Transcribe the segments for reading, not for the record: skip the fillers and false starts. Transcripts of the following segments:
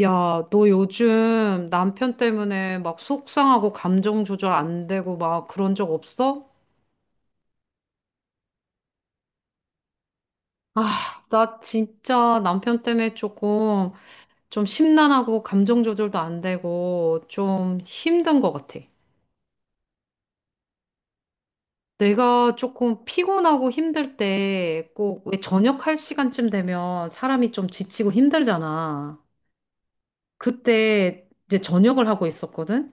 야, 너 요즘 남편 때문에 막 속상하고 감정 조절 안 되고 막 그런 적 없어? 아, 나 진짜 남편 때문에 조금 좀 심란하고 감정 조절도 안 되고 좀 힘든 것 같아. 내가 조금 피곤하고 힘들 때 꼭 왜 저녁할 시간쯤 되면 사람이 좀 지치고 힘들잖아. 그때 이제 저녁을 하고 있었거든?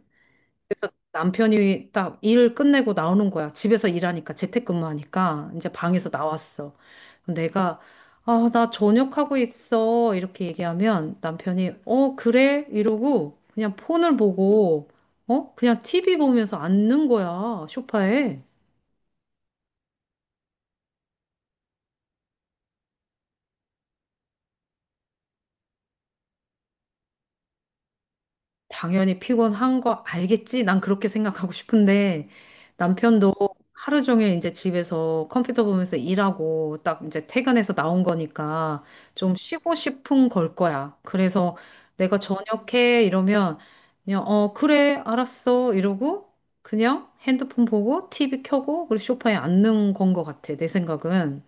그래서 남편이 딱 일 끝내고 나오는 거야. 집에서 일하니까 재택근무하니까 이제 방에서 나왔어. 그럼 내가 아, 나 저녁하고 있어. 이렇게 얘기하면 남편이 어, 그래? 이러고 그냥 폰을 보고 어? 그냥 TV 보면서 앉는 거야. 소파에. 당연히 피곤한 거 알겠지? 난 그렇게 생각하고 싶은데 남편도 하루 종일 이제 집에서 컴퓨터 보면서 일하고 딱 이제 퇴근해서 나온 거니까 좀 쉬고 싶은 걸 거야. 그래서 내가 저녁해 이러면 그냥 어 그래 알았어 이러고 그냥 핸드폰 보고 TV 켜고 그리고 소파에 앉는 건 거 같아 내 생각은.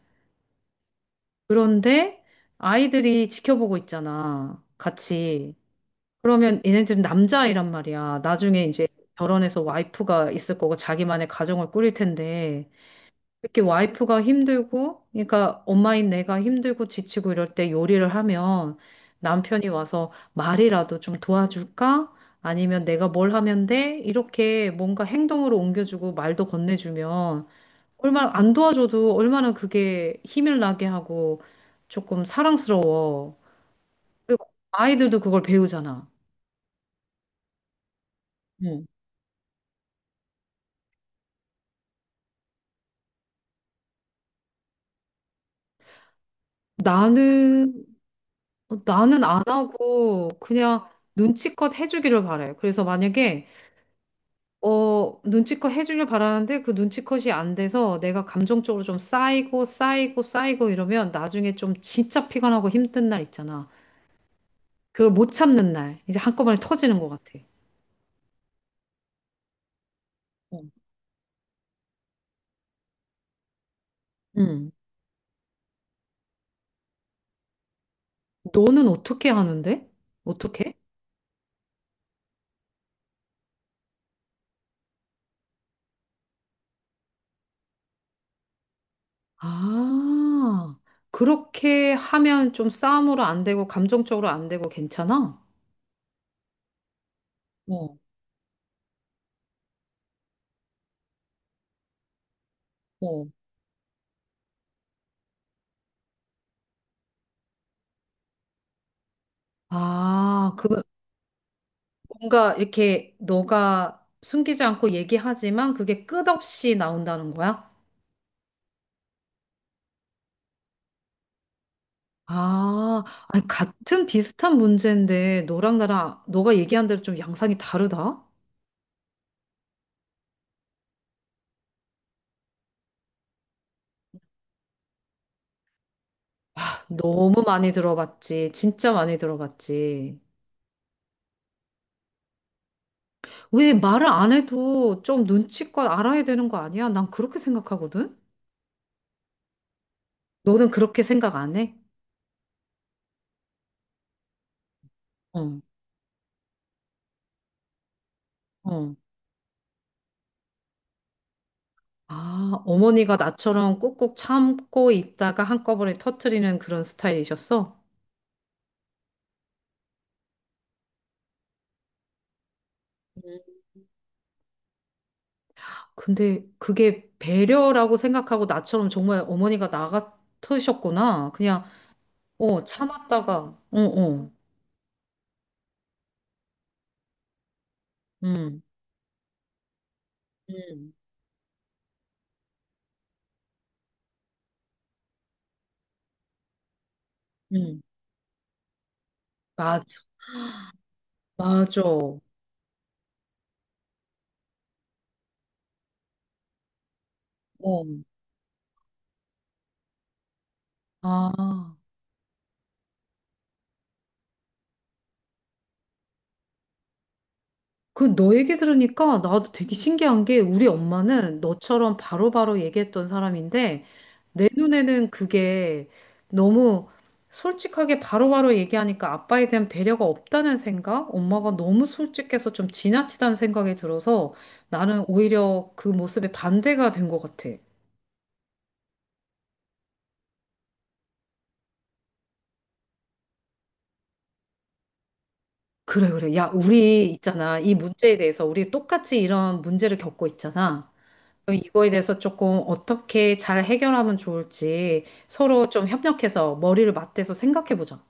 그런데 아이들이 지켜보고 있잖아 같이. 그러면 얘네들은 남자아이란 말이야. 나중에 이제 결혼해서 와이프가 있을 거고 자기만의 가정을 꾸릴 텐데 이렇게 와이프가 힘들고 그러니까 엄마인 내가 힘들고 지치고 이럴 때 요리를 하면 남편이 와서 말이라도 좀 도와줄까? 아니면 내가 뭘 하면 돼? 이렇게 뭔가 행동으로 옮겨주고 말도 건네주면 얼마나 안 도와줘도 얼마나 그게 힘을 나게 하고 조금 사랑스러워. 그리고 아이들도 그걸 배우잖아. 응. 나는, 어, 나는 안 하고 그냥 눈치껏 해주기를 바래. 그래서 만약에, 어, 눈치껏 해주길 바라는데 그 눈치껏이 안 돼서 내가 감정적으로 좀 쌓이고 이러면 나중에 좀 진짜 피곤하고 힘든 날 있잖아. 그걸 못 참는 날. 이제 한꺼번에 터지는 것 같아. 어. 응. 너는 어떻게 하는데? 어떻게? 아, 그렇게 하면 좀 싸움으로 안 되고 감정적으로 안 되고 괜찮아? 어. 어. 아, 뭔가 이렇게 너가 숨기지 않고 얘기하지만 그게 끝없이 나온다는 거야? 아, 아니, 같은 비슷한 문제인데 너랑 나랑 너가 얘기한 대로 좀 양상이 다르다? 너무 많이 들어봤지. 진짜 많이 들어봤지. 왜 말을 안 해도 좀 눈치껏 알아야 되는 거 아니야? 난 그렇게 생각하거든? 너는 그렇게 생각 안 해? 어, 어. 아, 어머니가 나처럼 꾹꾹 참고 있다가 한꺼번에 터트리는 그런 스타일이셨어? 음. 근데 그게 배려라고 생각하고 나처럼 정말 어머니가 나 같으셨구나. 그냥, 어, 참았다가, 어, 어, 음, 음. 음, 맞아, 맞아. 어. 아, 그 너 얘기 들으니까 나도 되게 신기한 게 우리 엄마는 너처럼 바로바로 얘기했던 사람인데 내 눈에는 그게 너무 솔직하게 바로바로 얘기하니까 아빠에 대한 배려가 없다는 생각? 엄마가 너무 솔직해서 좀 지나치다는 생각이 들어서 나는 오히려 그 모습에 반대가 된 것 같아. 그래, 그래. 야, 우리 있잖아. 이 문제에 대해서 우리 똑같이 이런 문제를 겪고 있잖아. 그럼 이거에 대해서 조금 어떻게 잘 해결하면 좋을지 서로 좀 협력해서 머리를 맞대서 생각해 보자.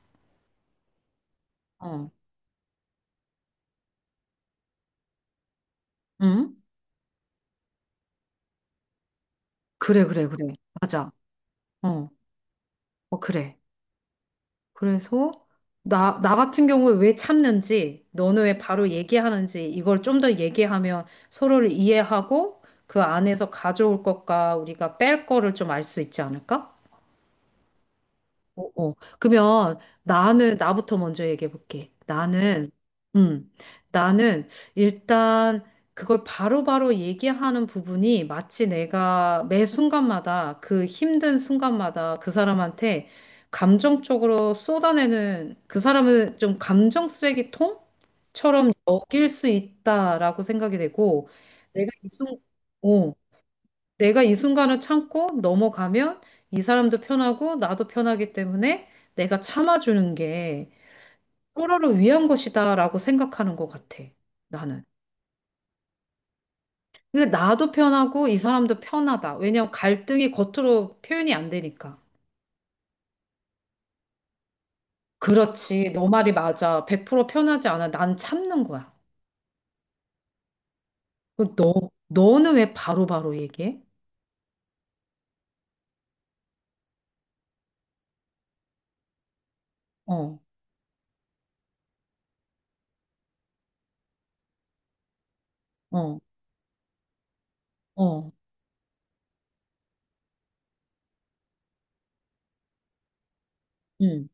어. 응? 그래, 그래, 그래. 맞아. 어. 어, 그래. 그래서 나 같은 경우에 왜 참는지, 너는 왜 바로 얘기하는지, 이걸 좀 더 얘기하면 서로를 이해하고 그 안에서 가져올 것과 우리가 뺄 거를 좀 알 수 있지 않을까? 어, 어. 그러면 나는 나부터 먼저 얘기해 볼게. 나는 음. 나는 일단 그걸 바로바로 얘기하는 부분이 마치 내가 매 순간마다 그 힘든 순간마다 그 사람한테 감정적으로 쏟아내는 그 사람을 좀 감정 쓰레기통처럼 여길 수 있다라고 생각이 되고 내가 이 순간 내가 이 순간을 참고 넘어가면 이 사람도 편하고 나도 편하기 때문에 내가 참아주는 게 서로를 위한 것이다라고 생각하는 것 같아. 나는. 근데 나도 편하고 이 사람도 편하다. 왜냐면 갈등이 겉으로 표현이 안 되니까. 그렇지. 너 말이 맞아. 100% 편하지 않아. 난 참는 거야. 그럼 너는 왜 바로바로 얘기해? 어, 어, 어, 응.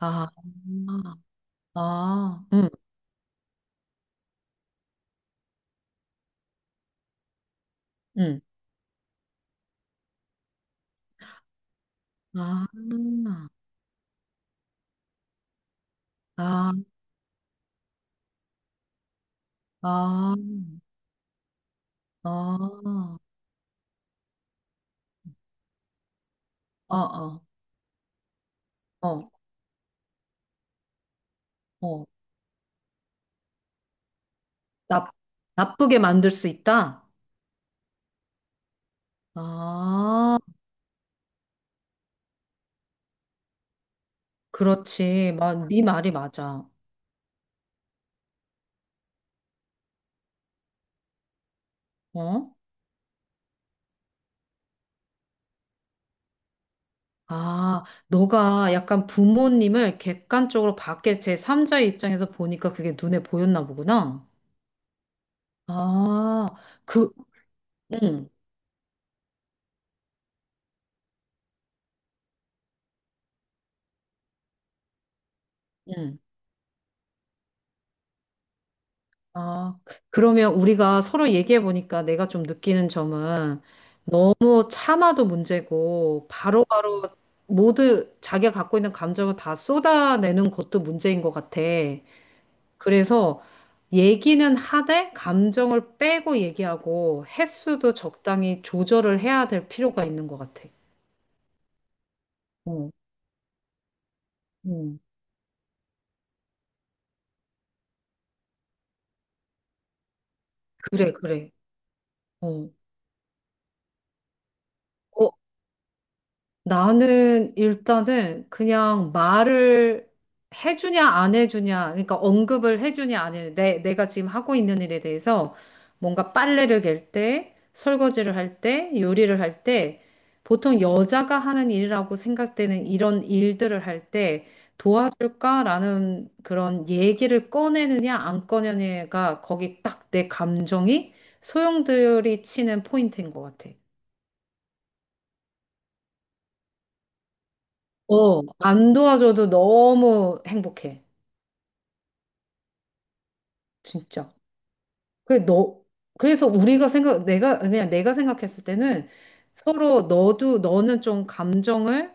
아, 아, 응, 응. 아. 아, 아, 아, 아, 아, 어, 어. 나, 나쁘게 만들 수 있다? 아, 그렇지. 마, 네 말이 맞아. 어? 아, 너가 약간 부모님을 객관적으로 밖에 제3자의 입장에서 보니까 그게 눈에 보였나 보구나. 아, 그, 응, 응. 아, 그러면 우리가 서로 얘기해 보니까 내가 좀 느끼는 점은 너무 참아도 문제고 바로바로 모두 자기가 갖고 있는 감정을 다 쏟아내는 것도 문제인 것 같아. 그래서 얘기는 하되 감정을 빼고 얘기하고 횟수도 적당히 조절을 해야 될 필요가 있는 것 같아. 어, 음, 그래, 그래. 어. 나는 일단은 그냥 말을 해주냐 안 해주냐, 그러니까 언급을 해주냐 안 해주냐, 내가 지금 하고 있는 일에 대해서 뭔가 빨래를 갤 때, 설거지를 할 때, 요리를 할 때, 보통 여자가 하는 일이라고 생각되는 이런 일들을 할 때 도와줄까라는 그런 얘기를 꺼내느냐 안 꺼내느냐가 거기 딱 내 감정이 소용돌이 치는 포인트인 것 같아. 어, 안 도와줘도 너무 행복해. 진짜. 그래, 너, 그래서 우리가 내가, 그냥 내가 생각했을 때는 서로 너도, 너는 좀 감정을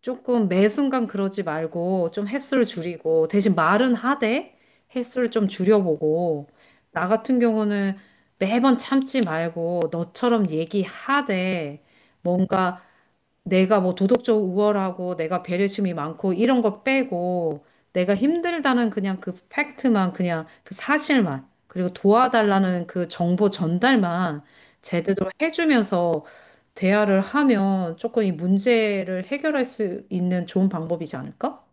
조금 매 순간 그러지 말고 좀 횟수를 줄이고 대신 말은 하되 횟수를 좀 줄여보고 나 같은 경우는 매번 참지 말고 너처럼 얘기하되 뭔가 내가 뭐 도덕적 우월하고 내가 배려심이 많고 이런 거 빼고 내가 힘들다는 그냥 그 팩트만 그냥 그 사실만 그리고 도와달라는 그 정보 전달만 제대로 해주면서 대화를 하면 조금 이 문제를 해결할 수 있는 좋은 방법이지 않을까?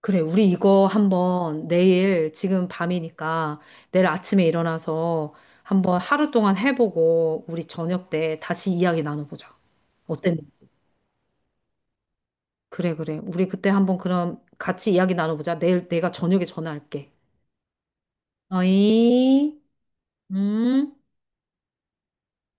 그래, 우리 이거 한번 내일 지금 밤이니까 내일 아침에 일어나서 한번 하루 동안 해보고 우리 저녁 때 다시 이야기 나눠보자. 어땠니? 그래, 그래. 우리 그때 한번 그럼 같이 이야기 나눠보자. 내일 내가 저녁에 전화할게. 어이, 음.